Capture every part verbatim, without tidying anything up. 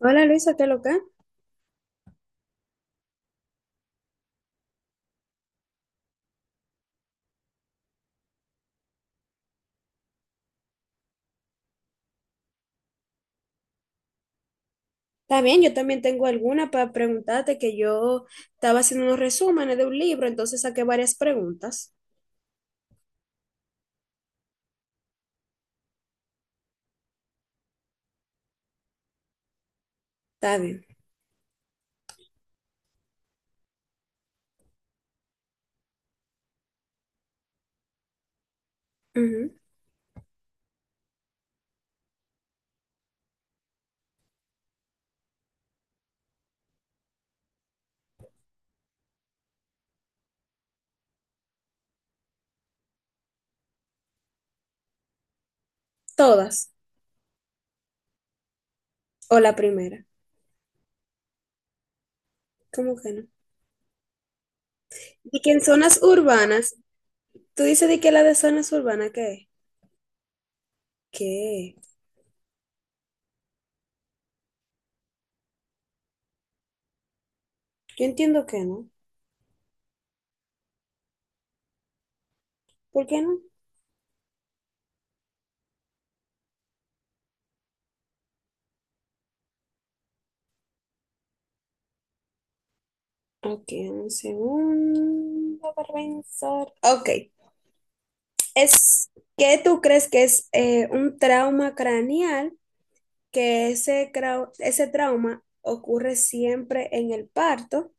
Hola Luisa, ¿qué loca? Está bien, yo también tengo alguna para preguntarte que yo estaba haciendo unos resúmenes de un libro, entonces saqué varias preguntas. Está bien. Ujú. Todas. O la primera. ¿Cómo que no? Y que en zonas urbanas, tú dices de que la de zonas urbanas, ¿qué es? ¿Qué? Yo entiendo que no. ¿Por qué no? Ok, un segundo para pensar. Ok, es, ¿qué tú crees que es eh, un trauma craneal que ese, crau- ese trauma ocurre siempre en el parto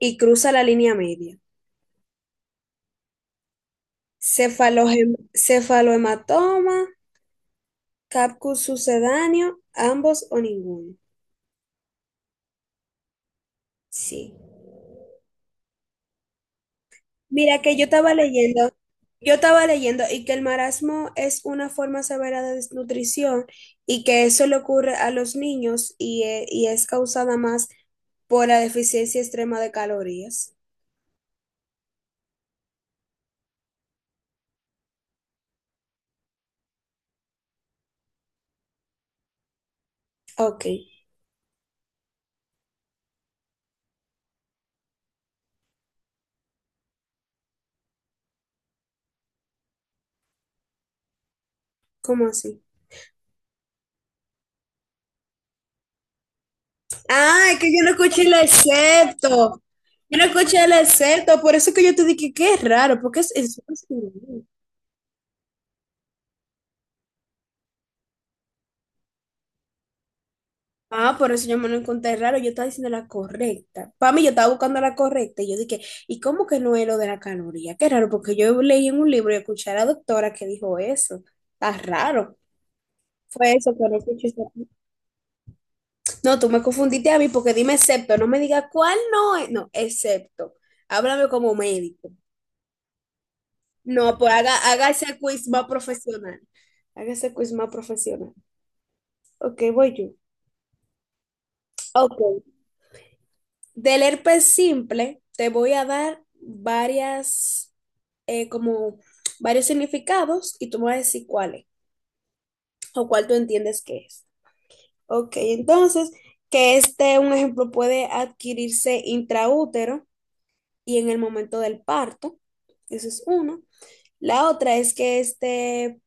y cruza la línea media. Cefalohem- cefalohematoma, capcus sucedáneo, ambos o ninguno. Sí. Mira que yo estaba leyendo, yo estaba leyendo y que el marasmo es una forma severa de desnutrición y que eso le ocurre a los niños y, eh, y es causada más por la deficiencia extrema de calorías. Ok, ¿cómo así? Ah, es que yo no escuché el excepto. Yo no escuché el excepto. Por eso que yo te dije que es raro, porque es, es- Ah, por eso yo me lo encontré raro. Yo estaba diciendo la correcta. Para mí, yo estaba buscando la correcta. Y yo dije, ¿y cómo que no es lo de la caloría? Qué raro, porque yo leí en un libro y escuché a la doctora que dijo eso. Está raro. Fue eso que no escuché. Esa... No, tú me confundiste a mí porque dime excepto. No me digas cuál no es. No, excepto. Háblame como médico. No, pues haga, haga ese quiz más profesional. Haga ese quiz más profesional. Ok, voy yo. Ok. Del herpes simple, te voy a dar varias, eh, como varios significados y tú me vas a decir cuál es o cuál tú entiendes que es. Ok, entonces, que este, un ejemplo, puede adquirirse intraútero y en el momento del parto. Eso es uno. La otra es que este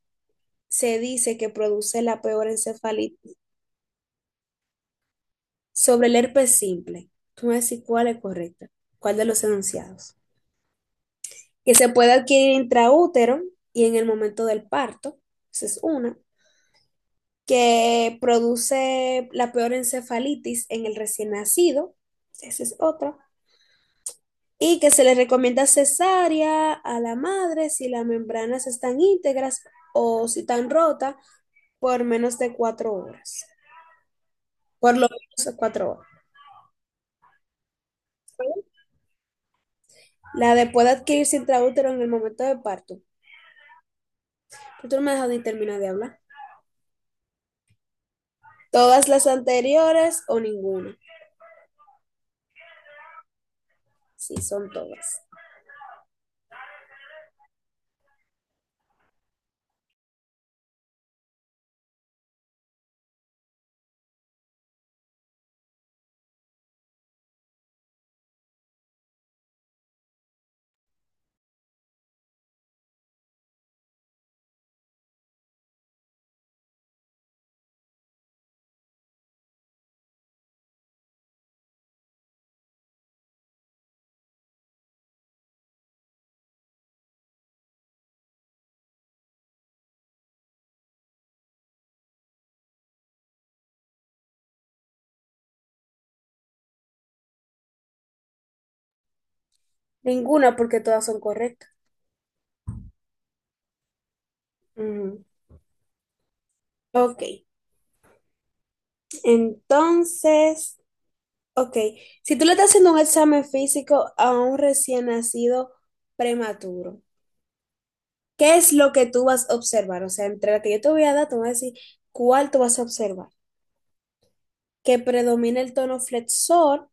se dice que produce la peor encefalitis. Sobre el herpes simple, tú me decís cuál es correcta, cuál de los enunciados. Que se puede adquirir intraútero y en el momento del parto, esa es una. Que produce la peor encefalitis en el recién nacido, esa es otra. Y que se le recomienda cesárea a la madre si las membranas están íntegras o si están rotas por menos de cuatro horas. Por lo menos cuatro horas. La de puede adquirirse intraútero en el momento del parto. Pero tú no me has dejado ni terminar de hablar. Todas las anteriores o ninguna. Sí, son todas. Ninguna porque todas son correctas. Ujú. Ok, entonces, ok, si tú le estás haciendo un examen físico a un recién nacido prematuro, ¿qué es lo que tú vas a observar? O sea, entre la que yo te voy a dar, tú vas a decir cuál tú vas a observar. Que predomina el tono flexor,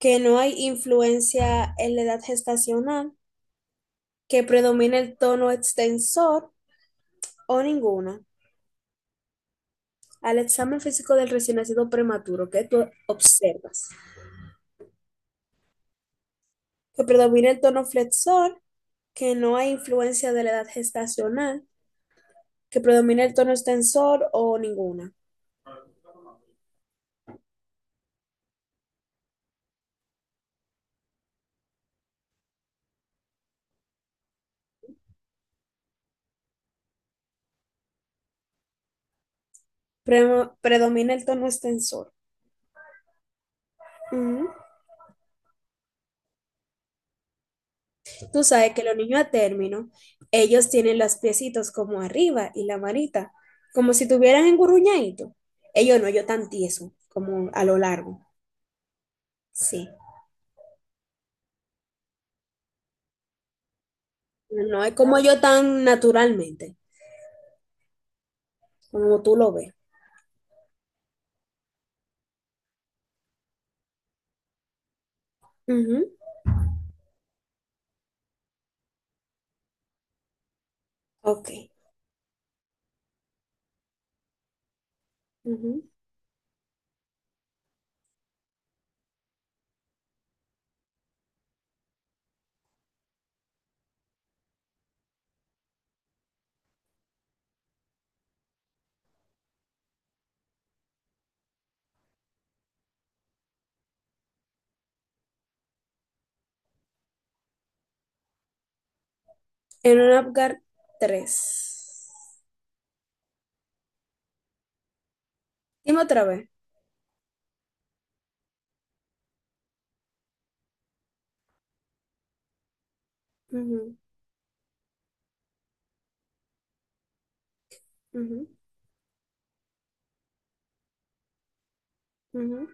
que no hay influencia en la edad gestacional, que predomina el tono extensor, o ninguna, al examen físico del recién nacido prematuro que tú observas, que predomina el tono flexor, que no hay influencia de la edad gestacional, que predomina el tono extensor o ninguna. Pre- predomina el tono extensor. Ujú. Tú sabes que los niños a término, ellos tienen los piecitos como arriba y la manita, como si tuvieran engurruñadito. Ellos no, ellos tan tieso, como a lo largo. Sí. No es como yo tan naturalmente, como tú lo ves. Ujú. Ok. Ujú. En un Apgar tres. Dime otra vez. Ujú, ujú, ujú,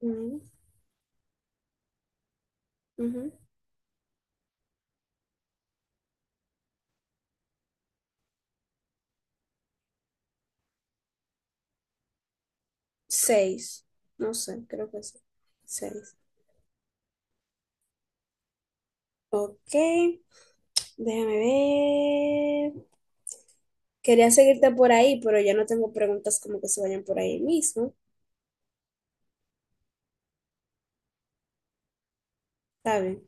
ujú, ujú. Seis. No sé, creo que sí. Seis. Ok. Déjame ver. Quería seguirte por ahí, pero ya no tengo preguntas como que se vayan por ahí mismo. Está bien.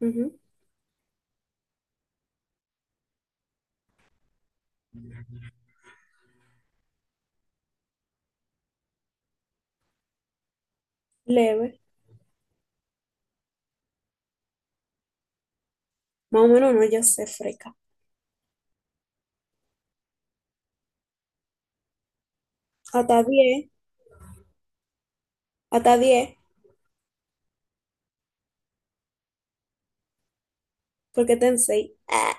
Ujú. Leve. Más o menos no, yo sé, freca. Hasta diez. Hasta diez. Porque ten seis. Ah,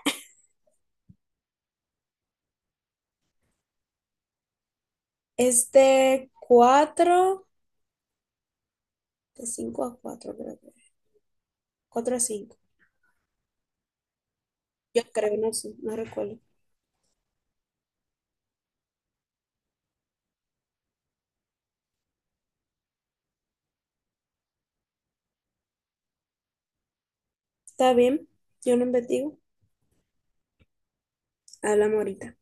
este cuatro. De cinco a cuatro creo que. cuatro a cinco. Yo creo, no sé, no recuerdo. Está bien, yo no investigo. Hablamos ahorita.